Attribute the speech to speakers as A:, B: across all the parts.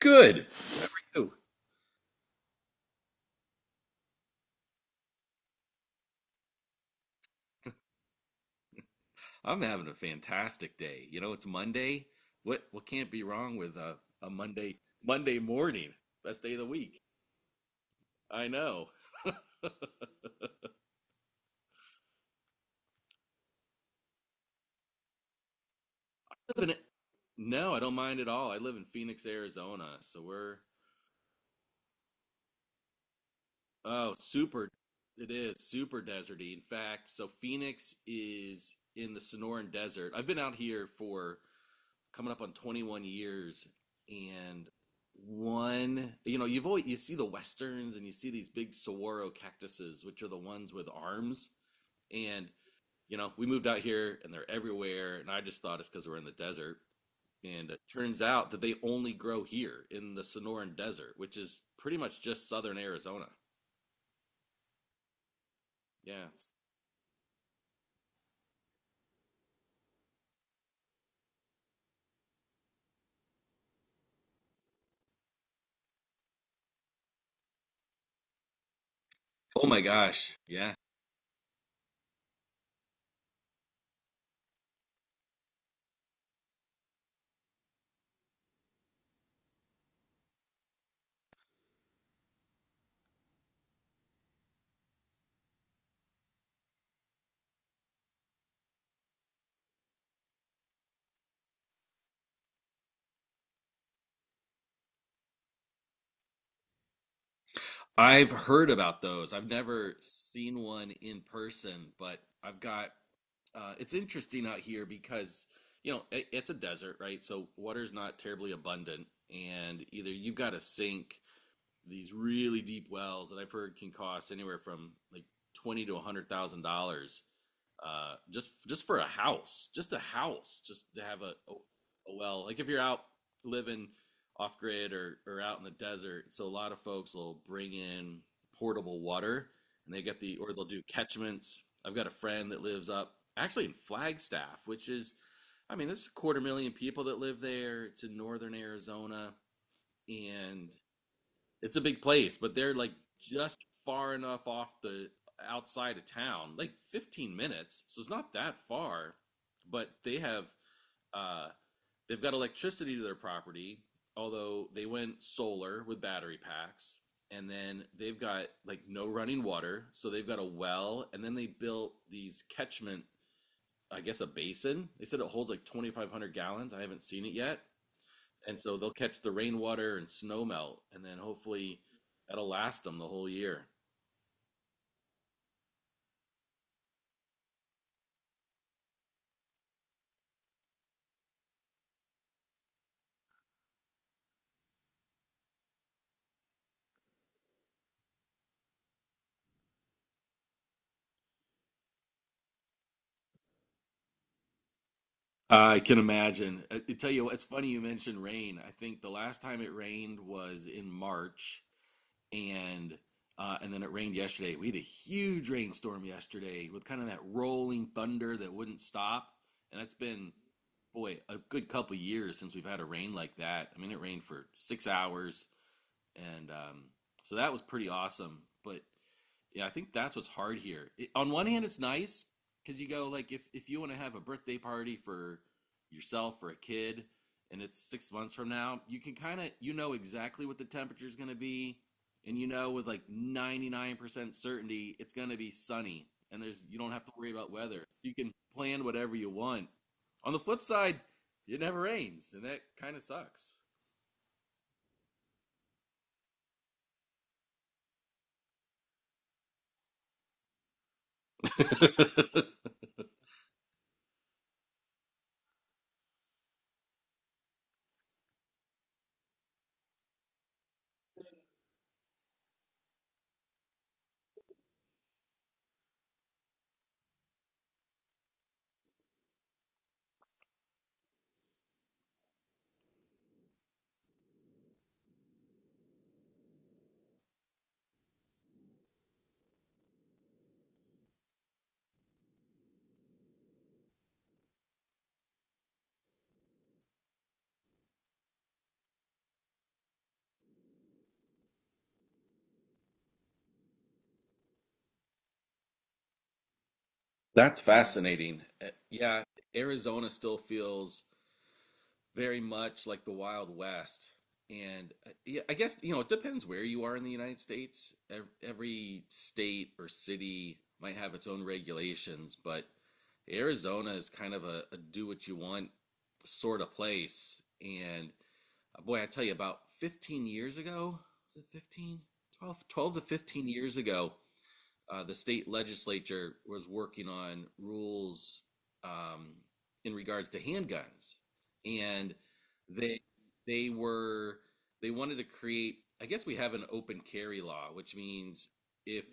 A: Good. Ooh, I'm having a fantastic day. You know, it's Monday. What can't be wrong with a Monday morning? Best day of the week. I know. Live in- No, I don't mind at all. I live in Phoenix, Arizona, so we're. Oh, super. It is super deserty. In fact, so Phoenix is in the Sonoran Desert. I've been out here for coming up on 21 years, and one, you've always, you see the westerns, and you see these big saguaro cactuses, which are the ones with arms. And we moved out here, and they're everywhere, and I just thought it's because we're in the desert. And it turns out that they only grow here in the Sonoran Desert, which is pretty much just southern Arizona. Yeah. Oh my gosh, yeah. I've heard about those. I've never seen one in person, but I've got it's interesting out here because it's a desert, right? So water's not terribly abundant, and either you've got a sink these really deep wells that I've heard can cost anywhere from like 20 to $100,000, just for a house, just to have a well. Like if you're out living off grid or out in the desert, so a lot of folks will bring in portable water, and they get the or they'll do catchments. I've got a friend that lives up actually in Flagstaff, which is, I mean, there's a quarter million people that live there. It's in northern Arizona, and it's a big place, but they're like just far enough off the outside of town, like 15 minutes. So it's not that far, but uh they've got electricity to their property, although they went solar with battery packs. And then they've got like no running water, so they've got a well, and then they built these catchment, I guess a basin. They said it holds like 2,500 gallons. I haven't seen it yet, and so they'll catch the rainwater and snow melt, and then hopefully that'll last them the whole year. I can imagine. I tell you what, it's funny you mentioned rain. I think the last time it rained was in March, and and then it rained yesterday. We had a huge rainstorm yesterday with kind of that rolling thunder that wouldn't stop, and it's been, boy, a good couple years since we've had a rain like that. I mean, it rained for 6 hours, and so that was pretty awesome. But yeah, I think that's what's hard here. On one hand, it's nice because you go like if you want to have a birthday party for yourself or a kid, and it's 6 months from now, you can kind of exactly what the temperature is going to be, and with like 99% certainty it's going to be sunny, and there's you don't have to worry about weather, so you can plan whatever you want. On the flip side, it never rains, and that kind of sucks. That's fascinating. Yeah, Arizona still feels very much like the Wild West. And yeah, I guess, it depends where you are in the United States. Every state or city might have its own regulations, but Arizona is kind of a do what you want sort of place. And boy, I tell you, about 15 years ago, was it 15? 12, twelve to 15 years ago, the state legislature was working on rules um, in regards to handguns, and they they were they wanted to create. I guess we have an open carry law, which means if.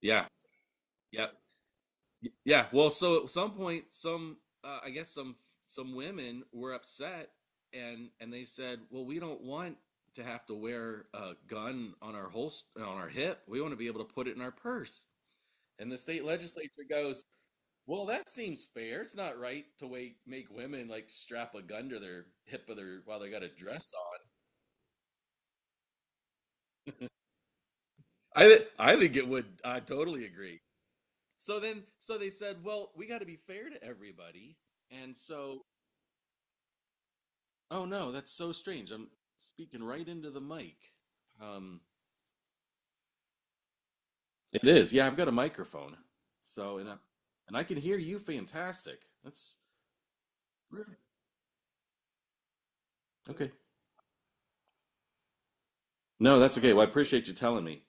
A: Yeah, yeah, yeah. Well, so at some point, some I guess some women were upset, and they said, well, we don't want to have to wear a gun on our holster on our hip. We want to be able to put it in our purse. And the state legislature goes, well, that seems fair. It's not right to wait, make women like strap a gun to their hip of their while they got a dress on. I think it would. I totally agree. So then, so they said, well, we got to be fair to everybody. And so, oh no, that's so strange. I'm speaking right into the mic. Um, it is. Yeah, I've got a microphone. So, and I can hear you fantastic. That's okay. No, that's okay. Well, I appreciate you telling me.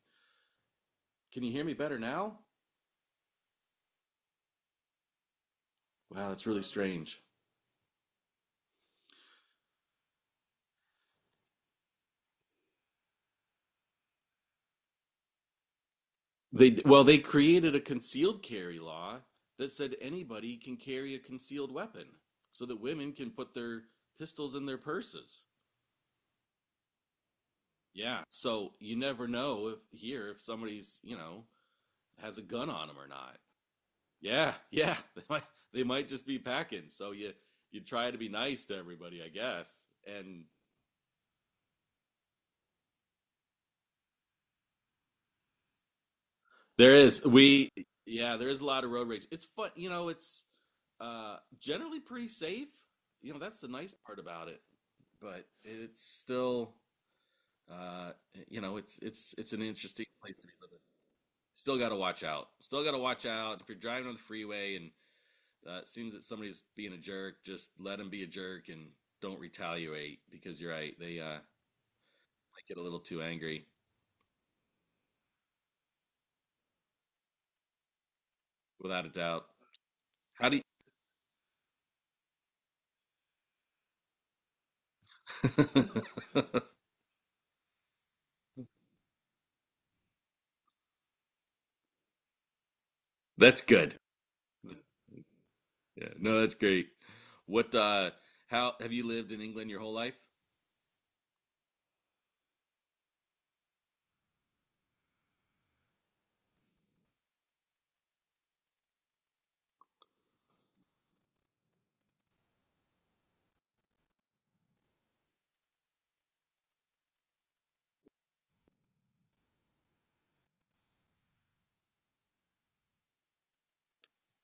A: Can you hear me better now? Wow, that's really strange. They Well, they created a concealed carry law that said anybody can carry a concealed weapon so that women can put their pistols in their purses. Yeah. So you never know if somebody's, has a gun on them or not. Yeah, yeah. They might just be packing. So you try to be nice to everybody, I guess. And there is. We Yeah, there is a lot of road rage. It's fun, it's generally pretty safe. You know, that's the nice part about it. But it's still, uh it's an interesting place to be living. Still got to watch out. Still got to watch out. If you're driving on the freeway and it seems that somebody's being a jerk, just let them be a jerk and don't retaliate because you're right. They might get a little too angry, without a doubt. How do you? That's good. Yeah, no, that's great. What, how have you lived in England your whole life?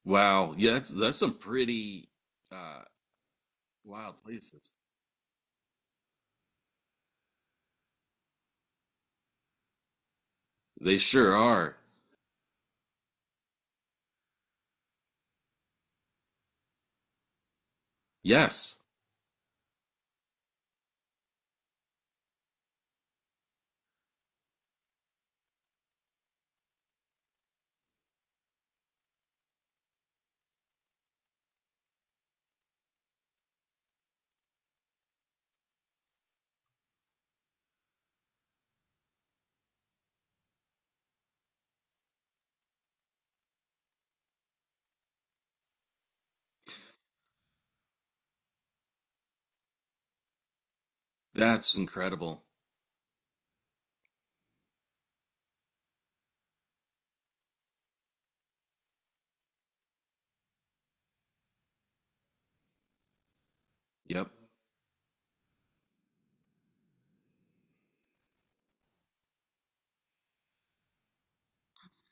A: Wow. Yeah, that's some pretty uh wild places. They sure are. Yes. That's incredible. Yep.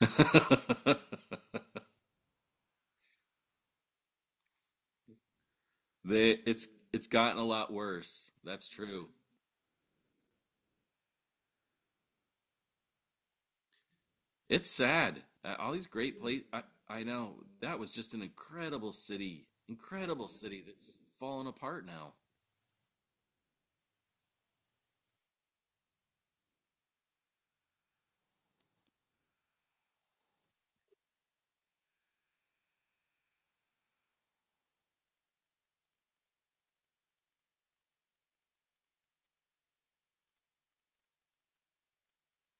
A: They, it's gotten a lot worse. That's true. It's sad. All these great places. I know that was just an incredible city that's just falling apart now.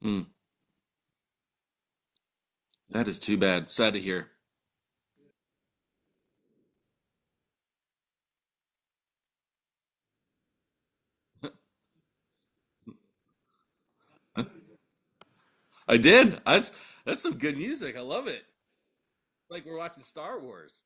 A: Mm, that is too bad. Sad to hear. I did. That's some good music. I love it. Like we're watching Star Wars.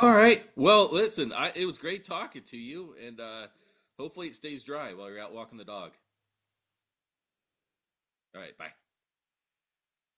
A: All right. Well, listen, it was great talking to you, and hopefully it stays dry while you're out walking the dog. All right. Bye.